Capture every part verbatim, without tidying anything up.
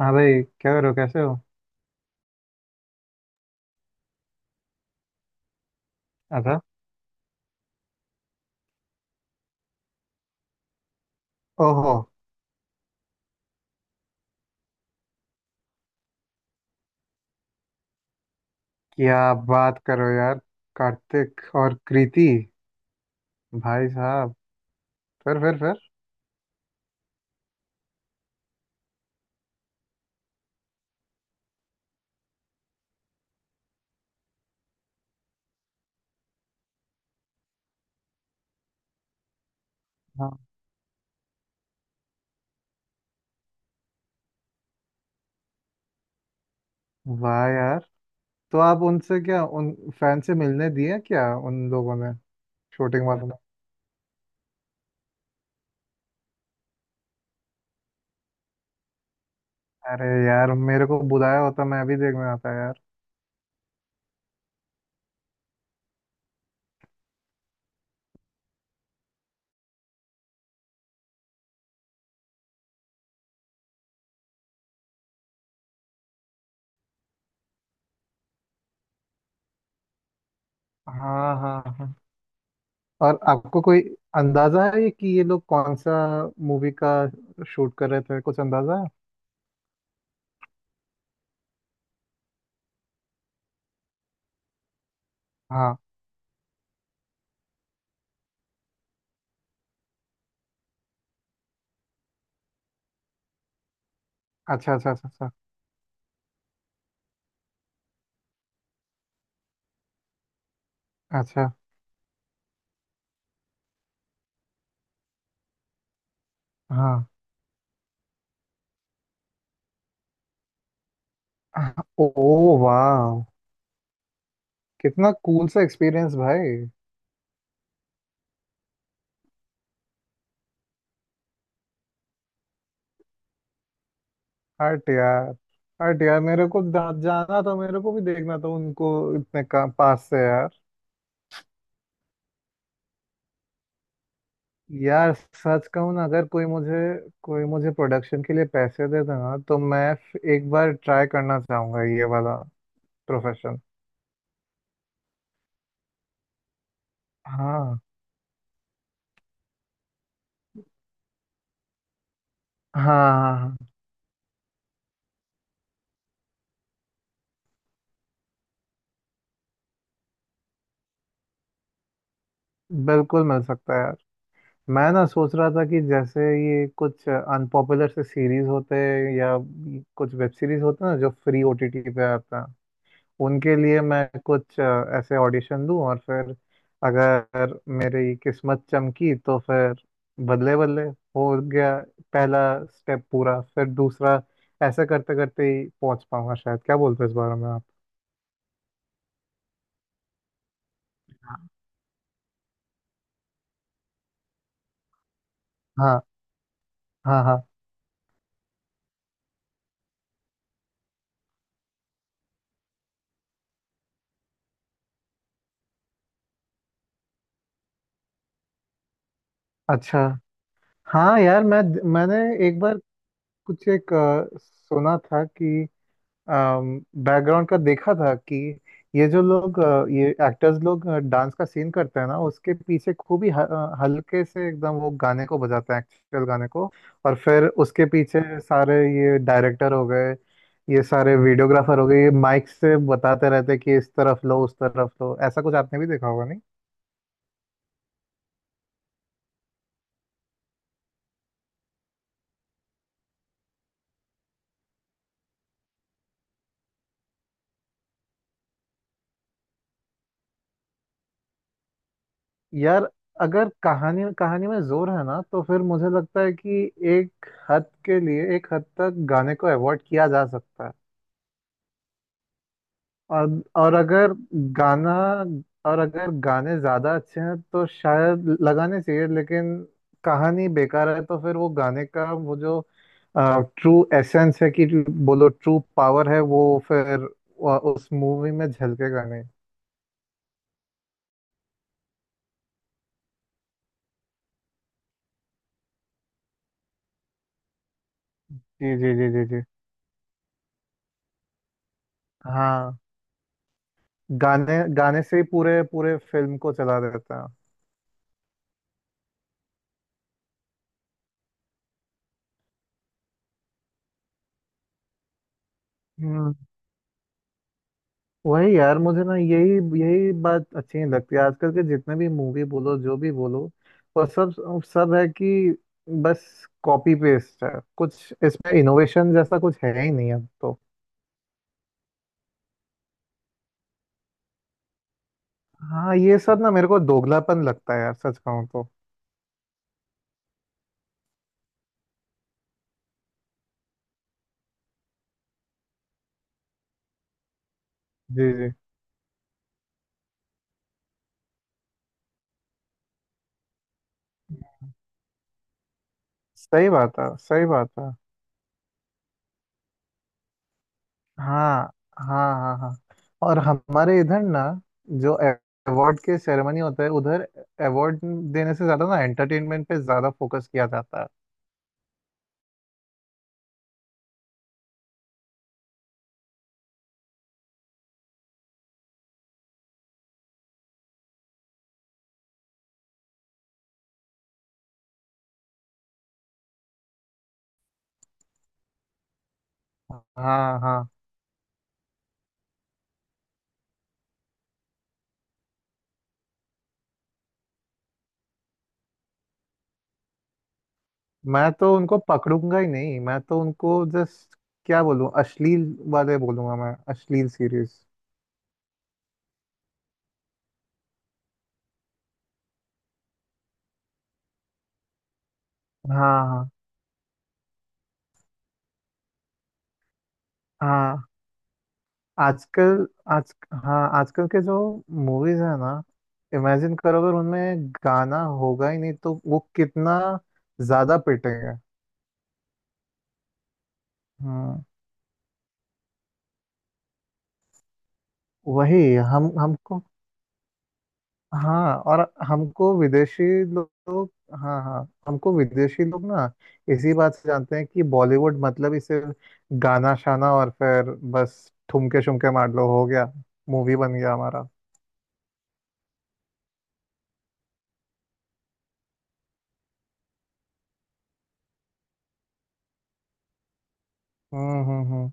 हाँ भाई। क्या करो? कैसे हो? अच्छा। ओहो। क्या बात करो यार! कार्तिक और कृति। भाई साहब। फिर फिर फिर? हाँ। वाह यार। तो आप उनसे क्या, उन फैन से मिलने दिए क्या उन लोगों ने? शूटिंग वालों ने? अरे यार, मेरे को बुलाया होता, मैं भी देखने आता यार। हाँ हाँ हाँ। और आपको कोई अंदाजा है कि ये लोग कौन सा मूवी का शूट कर रहे थे? कुछ अंदाजा है? हाँ। अच्छा अच्छा अच्छा अच्छा अच्छा। हाँ। ओ वाह। कितना कूल सा एक्सपीरियंस भाई! हट यार! हट यार, मेरे को जा- जाना था, मेरे को भी देखना था उनको इतने का, पास से यार। यार, सच कहूँ ना, अगर कोई मुझे कोई मुझे प्रोडक्शन के लिए पैसे दे देना तो मैं फ- एक बार ट्राई करना चाहूंगा ये वाला प्रोफेशन। हाँ हाँ हाँ हाँ, हाँ। बिल्कुल मिल सकता है यार। मैं ना सोच रहा था कि जैसे ये कुछ अनपॉपुलर से सीरीज होते हैं या कुछ वेब सीरीज होते हैं ना, जो फ्री ओ टी टी पे आते हैं, उनके लिए मैं कुछ अ, ऐसे ऑडिशन दूं और फिर अगर मेरी किस्मत चमकी तो फिर बदले बदले हो गया, पहला स्टेप पूरा, फिर दूसरा, ऐसे करते करते ही पहुंच पाऊंगा शायद। क्या बोलते हो इस बारे में आप? हाँ हाँ हाँ। अच्छा। हाँ यार, मैं मैंने एक बार कुछ एक अ, सुना था कि बैकग्राउंड का देखा था कि ये जो लोग अ, ये एक्टर्स लोग डांस का सीन करते हैं ना, उसके पीछे खूब ही ह- अ, हल्के से एकदम वो गाने को बजाते हैं, एक्चुअल गाने को। और फिर उसके पीछे सारे ये डायरेक्टर हो गए, ये सारे वीडियोग्राफर हो गए, ये माइक से बताते रहते हैं कि इस तरफ लो, उस तरफ लो। ऐसा कुछ आपने भी देखा होगा नहीं? यार, अगर कहानी कहानी में जोर है ना, तो फिर मुझे लगता है कि एक हद के लिए एक हद तक गाने को अवॉइड किया जा सकता है। और और अगर गाना और अगर गाने ज्यादा अच्छे हैं तो शायद लगाने चाहिए, लेकिन कहानी बेकार है तो फिर वो गाने का वो जो ट्रू एसेंस है, कि बोलो ट्रू पावर है वो, फिर अ, उस मूवी में झलकेगा नहीं। जी जी जी जी जी। हाँ, गाने गाने से ही पूरे पूरे फिल्म को चला देता है। वही यार, मुझे ना यही यही बात अच्छी नहीं लगती, आजकल के जितने भी मूवी बोलो जो भी बोलो, वो सब सब है कि बस कॉपी पेस्ट है, कुछ इसमें इनोवेशन जैसा कुछ है ही नहीं अब तो। हाँ, ये सब ना मेरे को दोगलापन लगता है यार, सच कहूँ तो। जी जी। सही बात है, सही बात है। हाँ हाँ हाँ हाँ। और हमारे इधर ना, जो अवार्ड के सेरेमनी होता है उधर, अवार्ड देने से ज्यादा ना एंटरटेनमेंट पे ज्यादा फोकस किया जाता है। हाँ हाँ। मैं तो उनको पकड़ूंगा ही नहीं, मैं तो उनको जस्ट क्या बोलूं, अश्लील वाले बोलूंगा मैं, अश्लील सीरीज। हाँ हाँ। आजकल आज हाँ, आजकल के जो मूवीज है ना, इमेजिन करो अगर उनमें गाना होगा ही नहीं तो वो कितना ज्यादा पिटेंगे। हाँ। वही। हम हमको। हाँ। और हमको विदेशी लोग हाँ हाँ। हमको विदेशी लोग ना इसी बात से जानते हैं कि बॉलीवुड मतलब ही सिर्फ गाना शाना, और फिर बस ठुमके शुमके मार लो, हो गया, मूवी बन गया हमारा। हम्म, हम्म,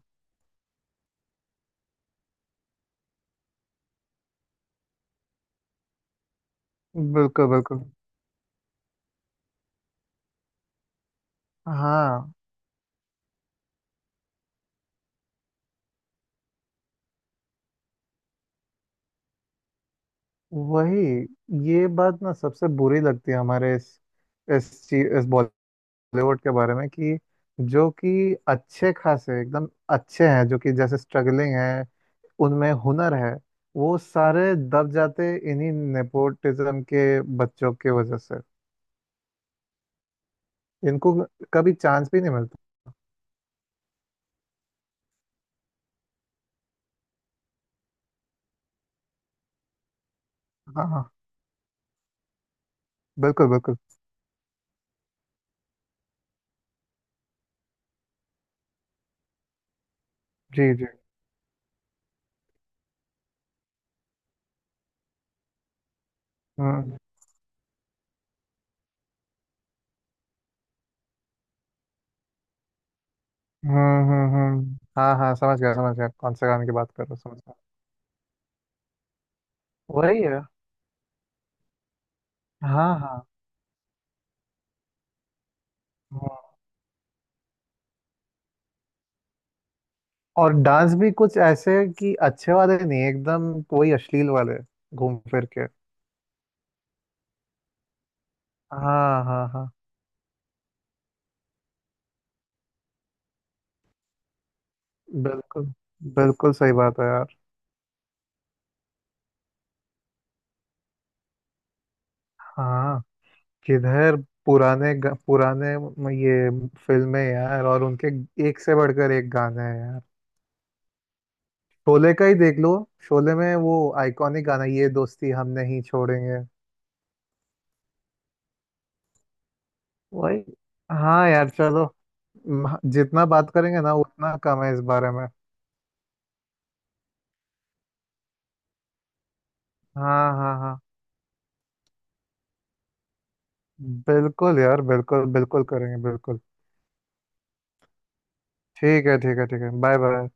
हम्म। बिल्कुल बिल्कुल। हाँ वही। ये बात ना सबसे बुरी लगती है हमारे इस इस चीज इस बॉलीवुड के बारे में, कि जो कि अच्छे खासे एकदम अच्छे हैं, जो कि जैसे स्ट्रगलिंग है, उनमें हुनर है, वो सारे दब जाते इन्हीं नेपोटिज्म के बच्चों के वजह से। इनको कभी चांस भी नहीं मिलता। हाँ हाँ। बिल्कुल बिल्कुल। जी जी। हम्म, हम्म, हम्म, हम्म। हाँ हाँ, समझ गया, समझ गया कौन से गाने की बात कर रहे हो, समझ गया। वही है। हाँ हाँ। हम्म। और डांस भी कुछ ऐसे कि अच्छे वाले नहीं, एकदम वही अश्लील वाले, घूम फिर के। हाँ हाँ हाँ। बिल्कुल बिल्कुल, सही बात है यार। हाँ। किधर? पुराने ग- पुराने म- ये फिल्में यार, और उनके एक से बढ़कर एक गाने हैं यार। शोले का ही देख लो। शोले में वो आइकॉनिक गाना, ये दोस्ती हम नहीं छोड़ेंगे। वही। हाँ यार, चलो। म- जितना बात करेंगे ना उतना कम है इस बारे में। हाँ हाँ हाँ। बिल्कुल यार, बिल्कुल बिल्कुल करेंगे बिल्कुल। ठीक है, ठीक है, ठीक है। Bye bye.